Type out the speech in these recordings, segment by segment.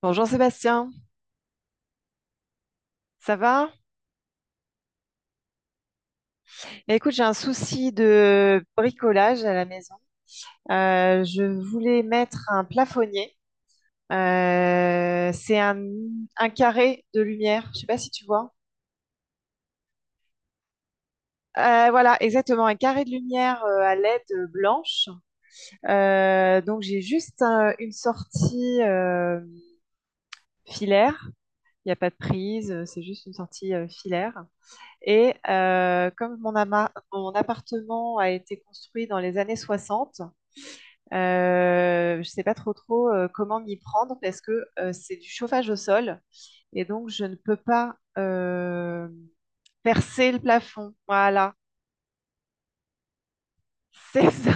Bonjour Sébastien, ça va? Eh, écoute, j'ai un souci de bricolage à la maison. Je voulais mettre un plafonnier. C'est un carré de lumière, je ne sais pas si tu vois. Voilà, exactement, un carré de lumière à LED blanche. Donc j'ai juste une sortie filaire. Il n'y a pas de prise, c'est juste une sortie filaire. Et comme mon appartement a été construit dans les années 60. Je ne sais pas trop trop comment m'y prendre parce que c'est du chauffage au sol et donc je ne peux pas percer le plafond. Voilà, c'est ça.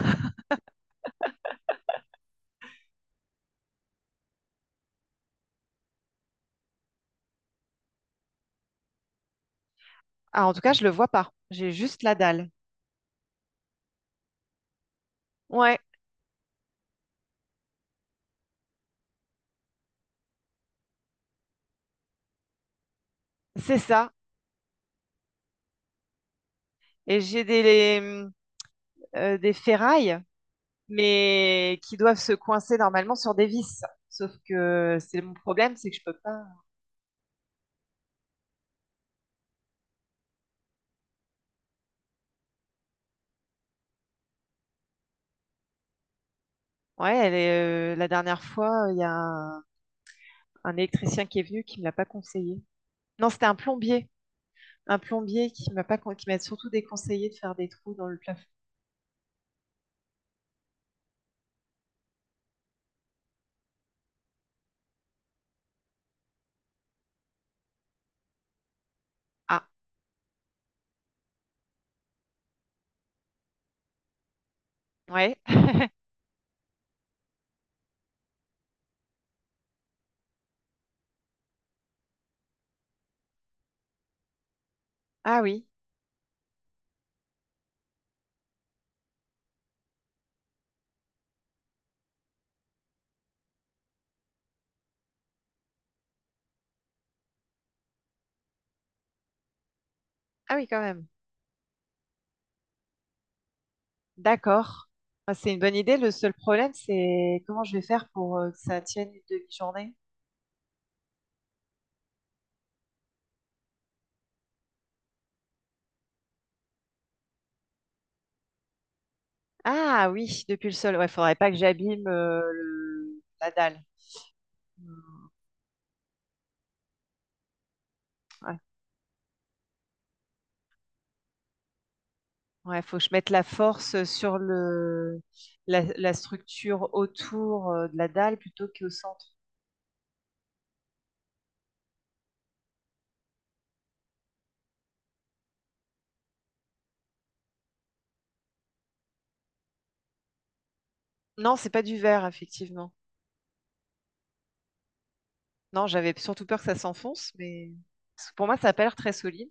Ah, en tout cas, je le vois pas. J'ai juste la dalle. Ouais, c'est ça. Et j'ai des ferrailles, mais qui doivent se coincer normalement sur des vis. Sauf que c'est mon problème, c'est que je peux pas. Ouais, la dernière fois, il y a un électricien qui est venu qui me l'a pas conseillé. Non, c'était un plombier. Un plombier qui m'a pas, con- qui m'a surtout déconseillé de faire des trous dans le plafond. Ah, ouais. Ah oui. Ah oui, quand même. D'accord. Ah, c'est une bonne idée. Le seul problème, c'est comment je vais faire pour que ça tienne une demi-journée. Ah oui, depuis le sol. Ouais, faudrait pas que j'abîme la dalle. Hmm. Ouais. Ouais, faut que je mette la force sur la structure autour de la dalle plutôt qu'au centre. Non, c'est pas du verre, effectivement. Non, j'avais surtout peur que ça s'enfonce, mais pour moi, ça a pas l'air très solide.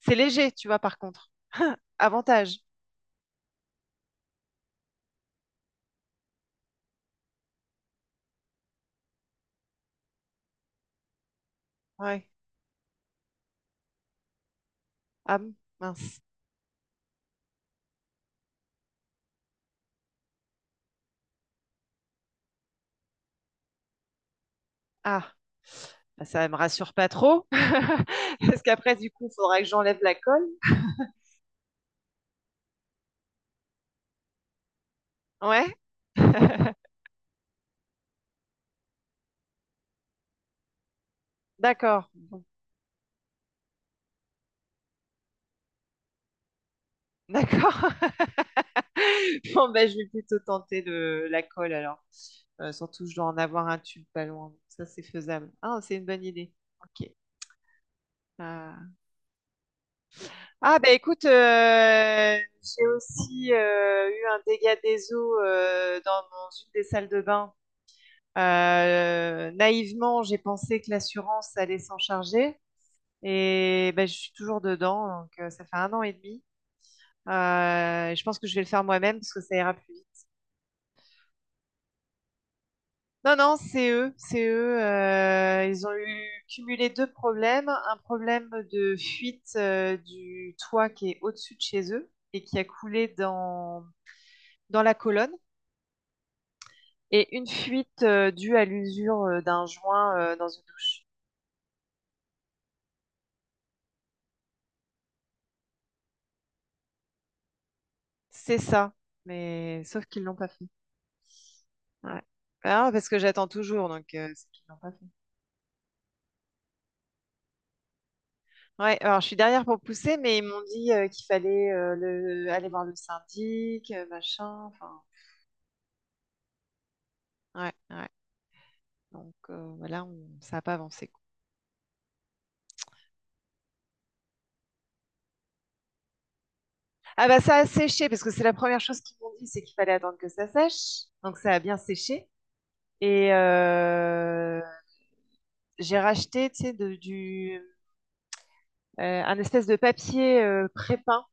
C'est léger, tu vois, par contre. Avantage. Ouais. Ah, mince. Ah, bah, ça me rassure pas trop. Parce qu'après, du coup, il faudra que j'enlève la colle. Ouais. D'accord. D'accord. Bon, bah, je vais plutôt tenter la colle alors. Surtout, je dois en avoir un tube pas loin. Ça, c'est faisable. Ah, c'est une bonne idée. Ok. Ah. Ah bah écoute, j'ai aussi eu un dégât des eaux dans une des salles de bain. Naïvement, j'ai pensé que l'assurance allait s'en charger et bah, je suis toujours dedans, donc ça fait un an et demi. Je pense que je vais le faire moi-même parce que ça ira plus vite. Non, non, c'est eux, c'est eux. Ils ont eu cumulé deux problèmes. Un problème de fuite du toit qui est au-dessus de chez eux et qui a coulé dans la colonne. Et une fuite due à l'usure d'un joint dans une douche. C'est ça, mais sauf qu'ils l'ont pas fait. Ouais. Ah, parce que j'attends toujours, donc c'est qu'ils l'ont pas fait. Ouais, alors je suis derrière pour pousser, mais ils m'ont dit qu'il fallait aller voir le syndic, machin, enfin, ouais, ouais. Donc voilà, ça n'a pas avancé, quoi. Ah bah ça a séché, parce que c'est la première chose qu'ils m'ont dit, c'est qu'il fallait attendre que ça sèche. Donc ça a bien séché. Et j'ai racheté, tu sais, un espèce de papier pré-peint,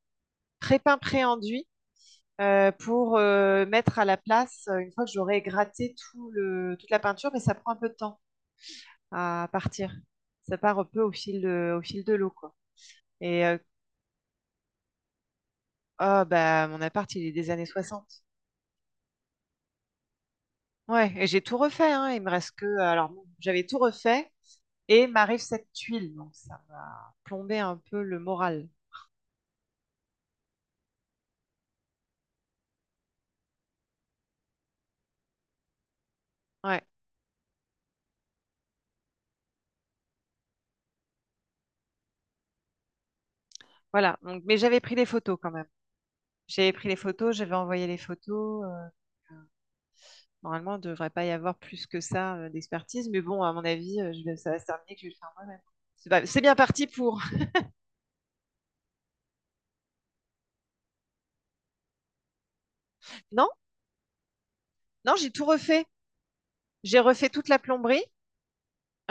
pré-peint, pré-enduit pour mettre à la place une fois que j'aurai gratté toute la peinture, mais ça prend un peu de temps à partir. Ça part un peu au fil de l'eau, quoi. Et oh, bah, mon appart, il est des années 60. Ouais, et j'ai tout refait, hein. Il me reste que. Alors, bon, j'avais tout refait et m'arrive cette tuile. Donc, ça m'a plombé un peu le moral. Ouais, voilà. Donc, mais j'avais pris des photos quand même. J'avais pris les photos, j'avais envoyé les photos. Euh, Normalement, il ne devrait pas y avoir plus que ça d'expertise, mais bon, à mon avis, ça va se terminer que je vais le faire moi-même. C'est pas- C'est bien parti pour. Non, non, j'ai tout refait. J'ai refait toute la plomberie.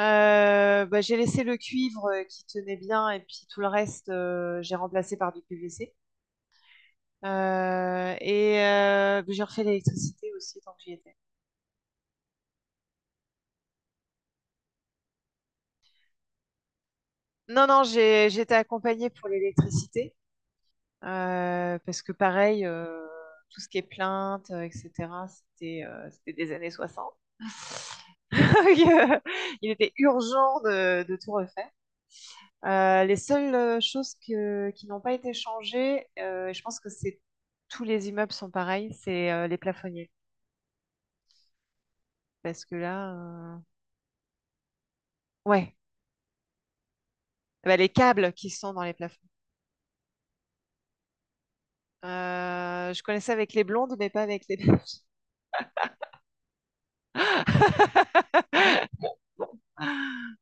Bah, j'ai laissé le cuivre qui tenait bien et puis tout le reste, j'ai remplacé par du PVC. Et j'ai refait l'électricité aussi tant que j'y étais. Non, non, j'ai été accompagnée pour l'électricité. Parce que pareil, tout ce qui est plainte, etc., c'était des années 60. Il était urgent de tout refaire. Les seules choses qui n'ont pas été changées, je pense que c'est tous les immeubles sont pareils, c'est les plafonniers. Parce que là, ouais, bah, les câbles qui sont dans les plafonds. Je connaissais avec les blondes, mais pas avec les beiges.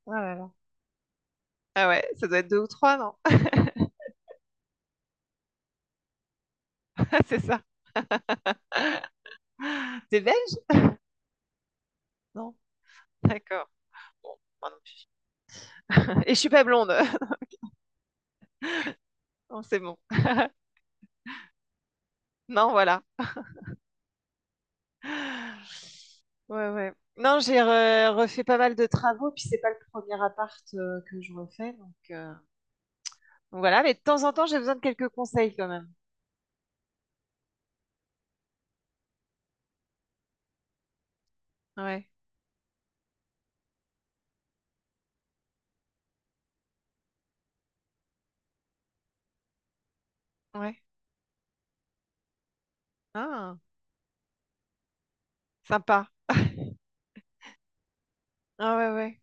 Ah là là. Ah ouais, ça doit être deux ou trois, non? C'est ça. T'es belge? Non. D'accord. Bon, moi non plus. Et je suis pas blonde. Non, c'est bon. Non, voilà. Ouais, ouais. Non, j'ai refait pas mal de travaux, puis c'est pas le premier appart que je refais, donc voilà. Mais de temps en temps, j'ai besoin de quelques conseils quand même. Ouais, ouais. Ah, sympa. Ah ouais, ouais.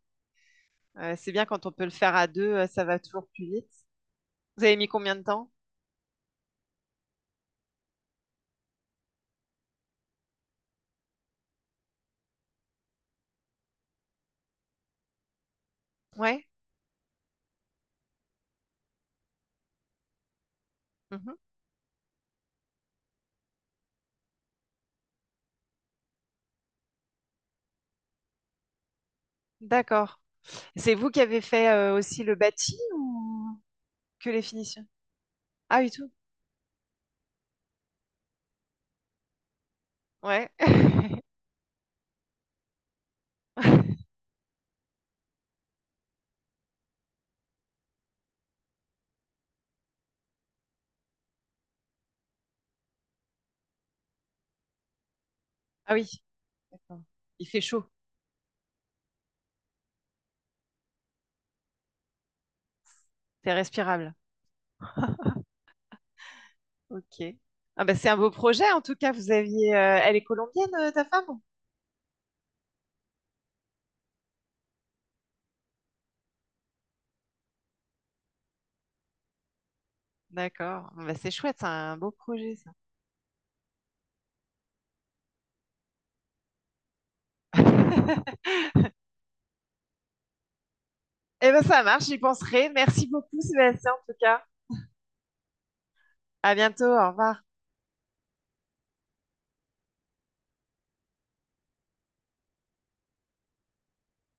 C'est bien quand on peut le faire à deux, ça va toujours plus vite. Vous avez mis combien de temps? Ouais. Mhm. D'accord. C'est vous qui avez fait aussi le bâti ou que les finitions? Ah oui, tout. Ouais. Ah oui, d'accord. Il fait chaud, c'est respirable. Ok. Ah bah c'est un beau projet en tout cas. Elle est colombienne ta femme? D'accord. Ah bah c'est chouette, c'est un beau projet ça. Eh ben ça marche, j'y penserai. Merci beaucoup Sébastien en tout cas. À bientôt, au revoir.